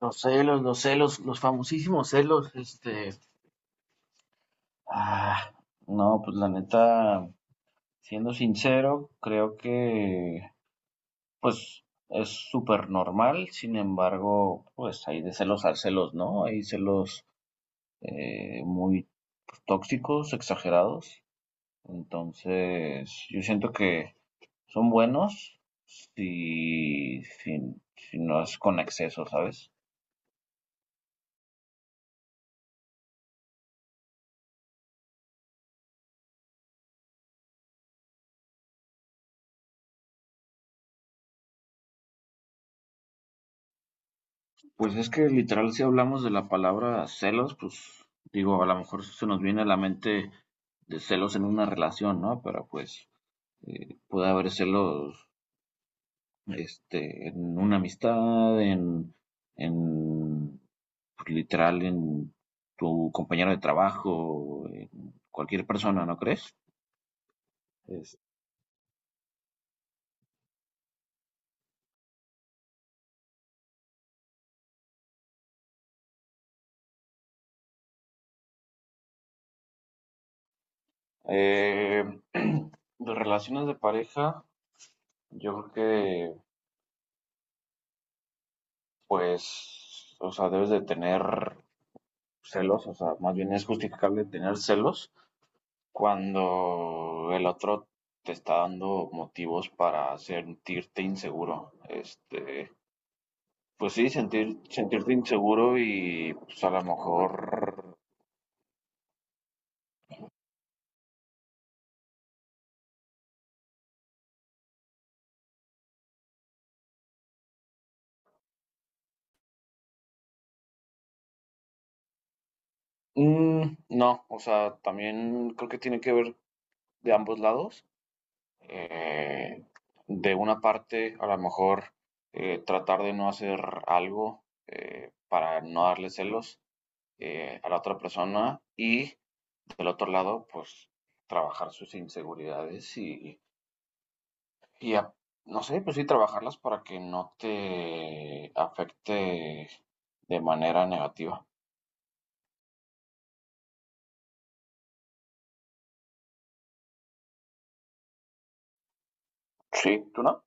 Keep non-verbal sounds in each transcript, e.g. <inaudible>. Los celos, los celos, los famosísimos celos, Ah, no, pues la neta, siendo sincero, creo que pues es súper normal. Sin embargo, pues hay de celos a celos, ¿no? Hay celos muy tóxicos, exagerados. Entonces yo siento que son buenos si, si, si no es con exceso, ¿sabes? Pues es que literal, si hablamos de la palabra celos, pues digo, a lo mejor se nos viene a la mente de celos en una relación, ¿no? Pero pues puede haber celos en una amistad, en pues, literal, en tu compañero de trabajo, en cualquier persona, ¿no crees? Es- eh, <clears throat> de relaciones de pareja, yo creo que, pues, o sea, debes de tener celos, o sea, más bien es justificable tener celos cuando el otro te está dando motivos para sentirte inseguro. Este, pues sí, sentirte inseguro y pues a lo mejor mm, no, o sea, también creo que tiene que ver de ambos lados. Eh, de una parte, a lo mejor tratar de no hacer algo para no darle celos a la otra persona, y del otro lado, pues trabajar sus inseguridades y a- no sé, pues sí, trabajarlas para que no te afecte de manera negativa. Sí, ¿tú no?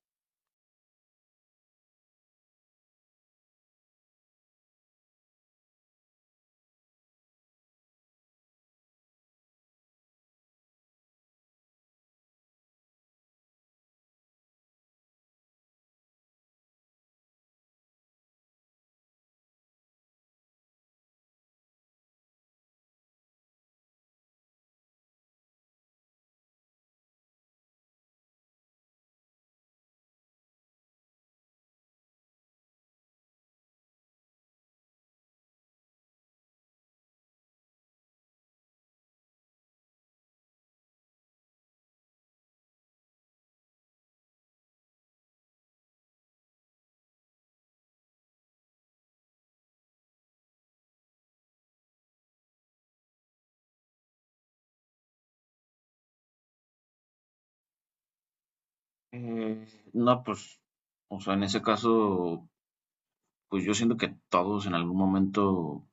Mm, no, pues, o sea, en ese caso, pues yo siento que todos en algún momento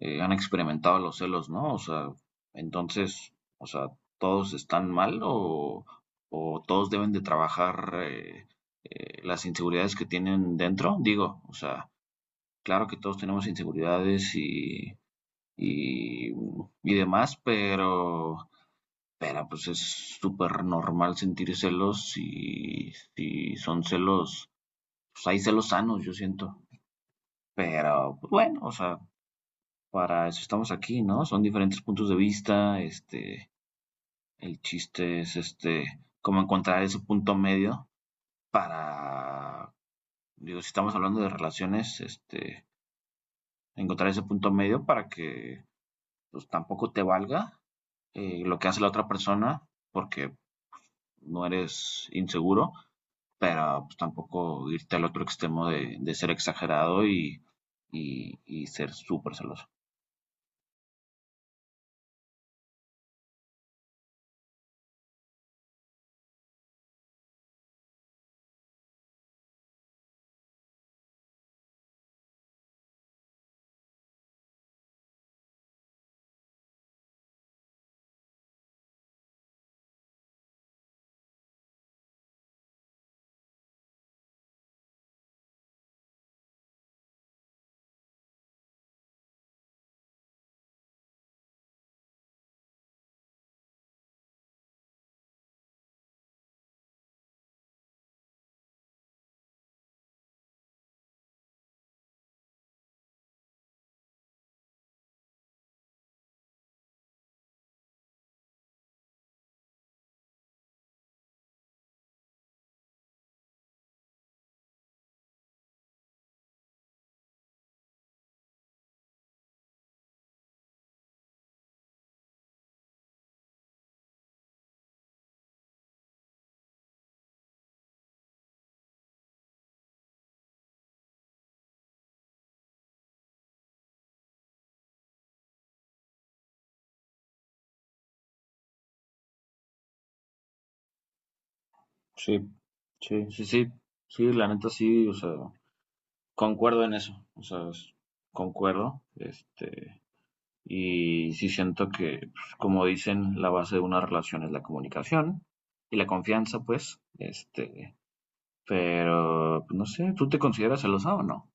han experimentado los celos, ¿no? O sea, entonces, o sea, ¿todos están mal o todos deben de trabajar las inseguridades que tienen dentro? Digo, o sea, claro que todos tenemos inseguridades y, y demás, pero pues es súper normal sentir celos y son celos, pues hay celos sanos, yo siento. Pero pues bueno, o sea, para eso estamos aquí, ¿no? Son diferentes puntos de vista. Este, el chiste es este, cómo encontrar ese punto medio para, digo, si estamos hablando de relaciones, este, encontrar ese punto medio para que pues tampoco te valga lo que hace la otra persona porque no eres inseguro, pero pues, tampoco irte al otro extremo de ser exagerado y ser súper celoso. Sí, sí, sí, sí, sí, la neta sí, o sea, concuerdo en eso, o sea, concuerdo, este, y sí siento que, pues, como dicen, la base de una relación es la comunicación y la confianza, pues, este, pero, pues, no sé, ¿tú te consideras celosa o no?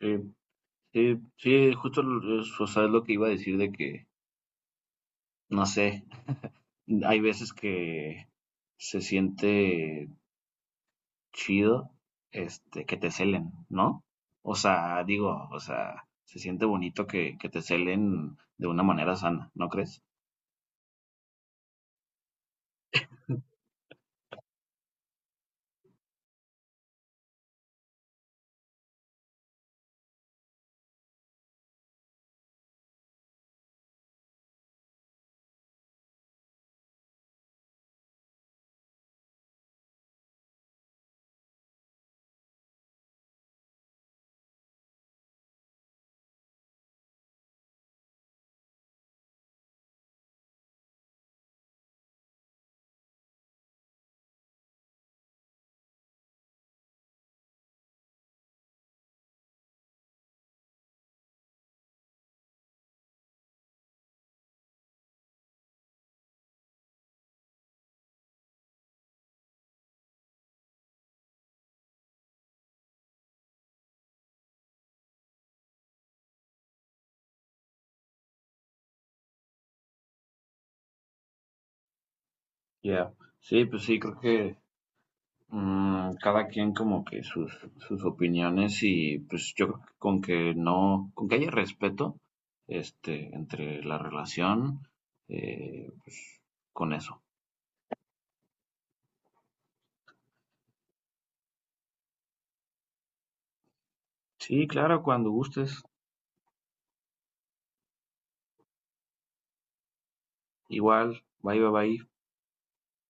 Sí, sí, sí, justo o sea, es lo que iba a decir de que, no sé, hay veces que se siente chido, este, que te celen, ¿no? O sea, digo, o sea, se siente bonito que te celen de una manera sana, ¿no crees? Ya, sí, pues sí, creo que mm, cada quien como que sus opiniones, y pues yo creo que con que no, con que haya respeto, este, entre la relación, pues con eso. Sí, claro, cuando gustes. Igual, bye, bye, bye.